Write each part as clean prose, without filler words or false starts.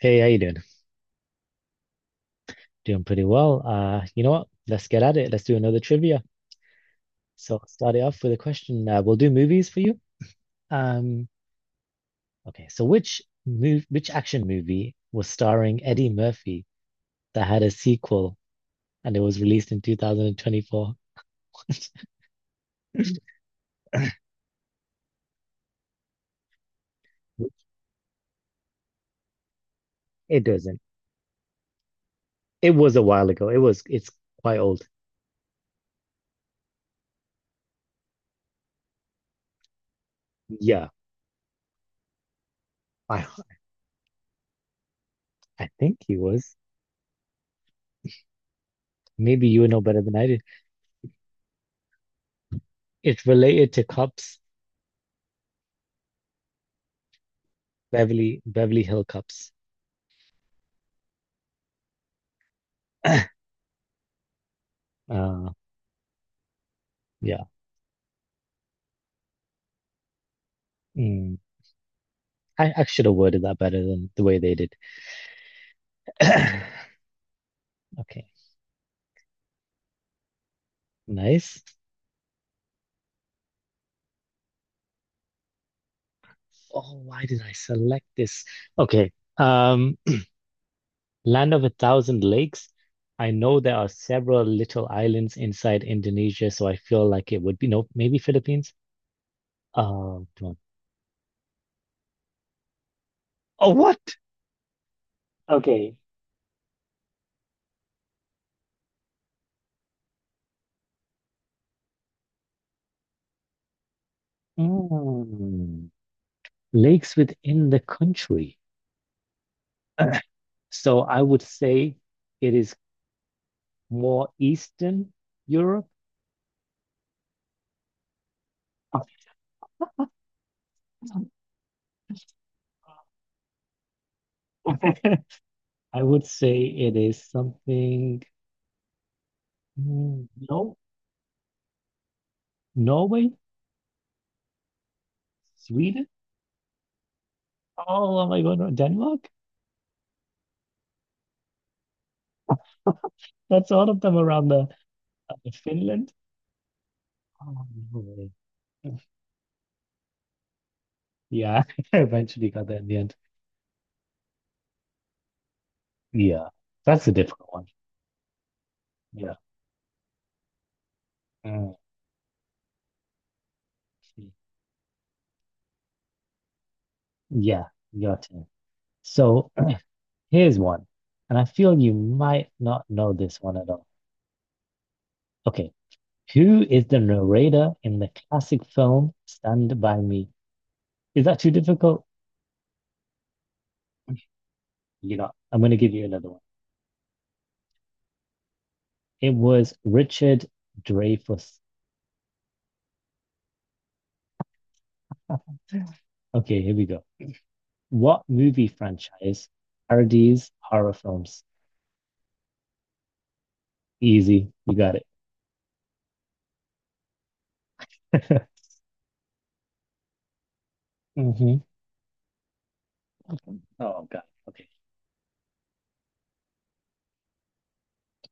Hey, how you doing? Doing pretty well. You know what? Let's get at it. Let's do another trivia. So I'll start it off with a question. We'll do movies for you. Um, okay. So which move, which action movie was starring Eddie Murphy that had a sequel and it was released in 2024? It doesn't. It was a while ago. It was. It's quite old. Yeah, I I think he was. Maybe you know better than I did. It's related to cops, Beverly Hill Cops. Uh, yeah. I should have worded that better than the way they did. Okay, nice. Oh, why did I select this? Okay. Um, Land of a Thousand Lakes. I know there are several little islands inside Indonesia, so I feel like it would be no, maybe Philippines. Oh, come on. Oh, what? Okay. Mm, Lakes within the country. So I would say it is more Eastern Europe. I would say it is something. No, Norway, Sweden. Oh, am I going to Denmark? That's all of them around the Finland. Oh, no way. Yeah, I eventually got there in the end. Yeah, that's a difficult one. Yeah. Mm. Yeah, your turn. So here's one, and I feel you might not know this one at all. Okay, who is the narrator in the classic film Stand By Me? Is that too difficult? You know, I'm going to give you another one. It was Richard Dreyfuss. Okay, here we go. What movie franchise parodies horror films? Easy. You got it. hmm. Oh, God. Okay.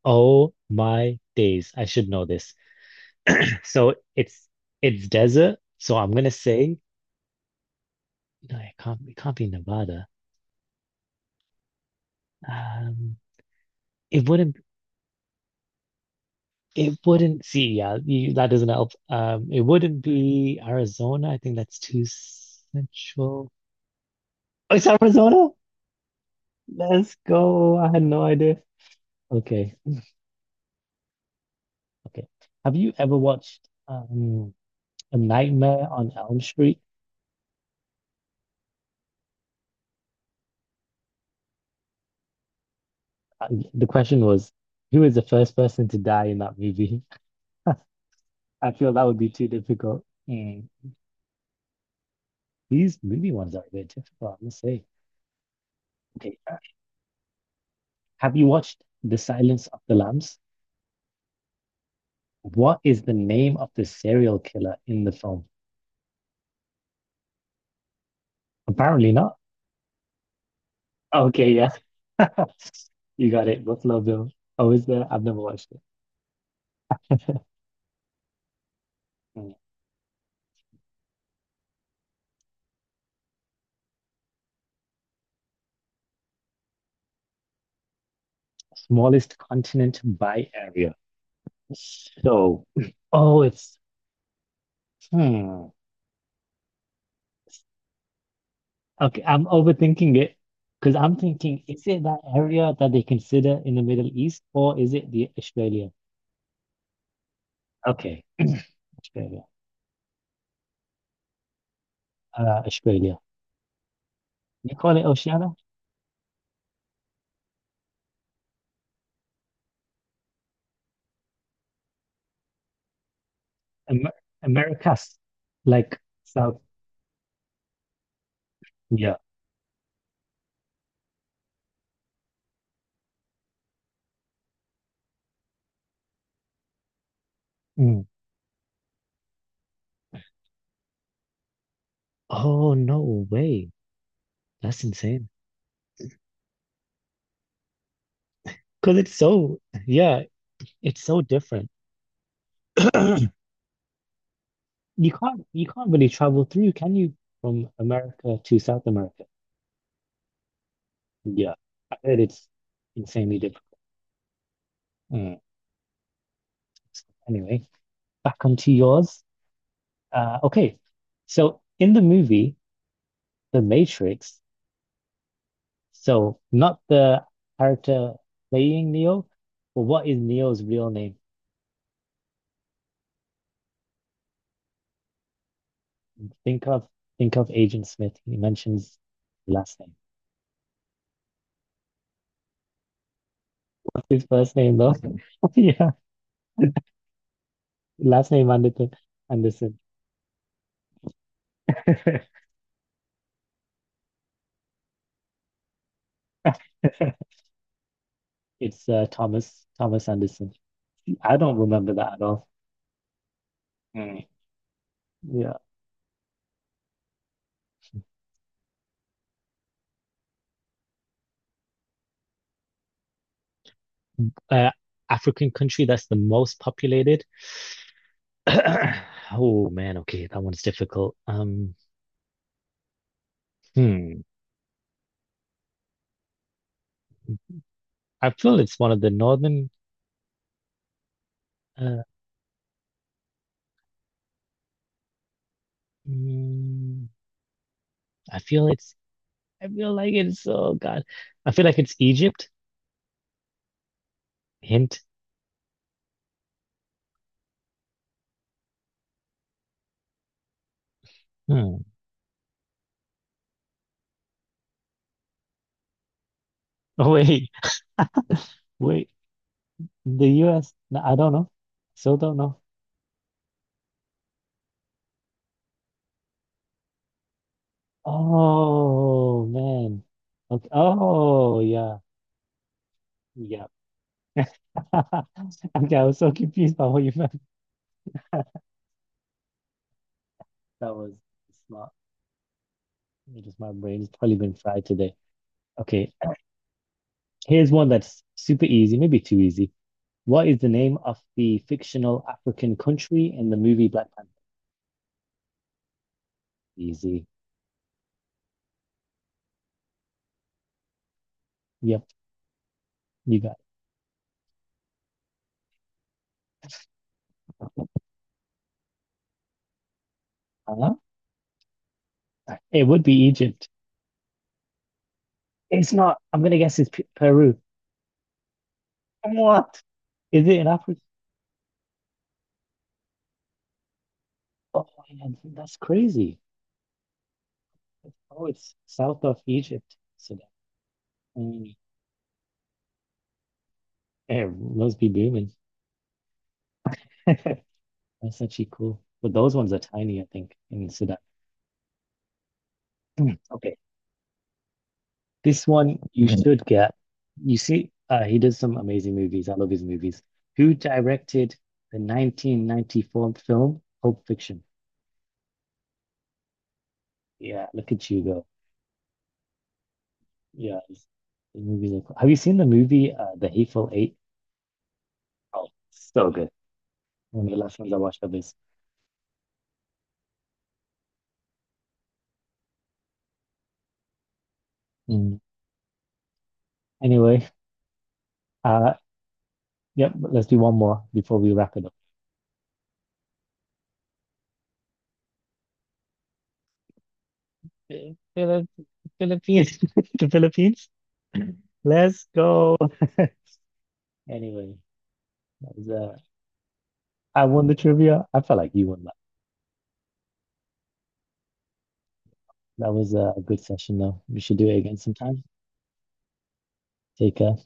Oh my days. I should know this. So it's desert. So I'm gonna say no, it can't be Nevada. Um it wouldn't it wouldn't see yeah, you, that doesn't help. It wouldn't be Arizona. I think that's too central. Oh, it's Arizona? Let's go. I had no idea. Okay, okay. Have you ever watched A Nightmare on Elm Street? Uh, the question was, who is the first person to die in that movie? I feel that would be too difficult. Hmm. These movie ones are a bit difficult, I must say. Okay, have you watched The Silence of the Lambs? What is the name of the serial killer in the film? Apparently not. Okay, yeah. You got it. Buffalo Bill. Oh, is there? I've never watched it. Mm. Smallest continent by area. So, oh, it's hmm. Okay, I'm overthinking it because I'm thinking, is it that area that they consider in the Middle East or is it the Australia? Okay, Australia. Australia. You call it Oceania? Amer Americas, like South. Yeah. Mm. Oh, no way. That's insane. Because yeah, it's so different. You can't really travel through, can you, from America to South America? Yeah, I heard it's insanely difficult. Mm. Anyway, back onto yours. Okay, so in the movie The Matrix, so not the character playing Neo, but what is Neo's real name? Think of think of Agent Smith. He mentions last name. What's his first name though? Yeah, last name Anderson. Anderson. It's Thomas Anderson. I don't remember that at all. Mm. Yeah. Uh, African country that's the most populated. Oh man, okay, that one's difficult. Hmm. I feel it's one of the northern. Uh, mm, I feel it's. I feel like it's. Oh God, I feel like it's Egypt. Hint. Hmm. Oh wait, wait. The U.S. No, I don't know. Still don't know. Oh man. Okay. Oh yeah, yeah. Okay, I was so confused by what you meant. That was smart. It was my brain's probably been fried today. Okay, here's one that's super easy, maybe too easy. What is the name of the fictional African country in the movie Black Panther? Easy. Yep, you got it. Huh? It would be Egypt. It's not. I'm gonna guess it's P Peru. What? Is it in Africa? Oh, man, that's crazy. Oh, it's south of Egypt. Mm, it must be booming. Masachiko. But those ones are tiny, I think, in Sudan. Okay. This one you Mhm. should get. You see, he does some amazing movies. I love his movies. Who directed the 1994 film Pulp Fiction? Yeah, look at you go. Yeah, his movies are cool. Have you seen the movie The Hateful Eight? Oh, so good. One of the last ones I watched of this. Mm. Anyway, uh, yep, let's do one more before we wrap it up. Phil- Phil- Philippines. The Philippines. Let's go. Anyway, that was I won the trivia. I felt like you won that. That was a good session though. We should do it again sometime. Take care.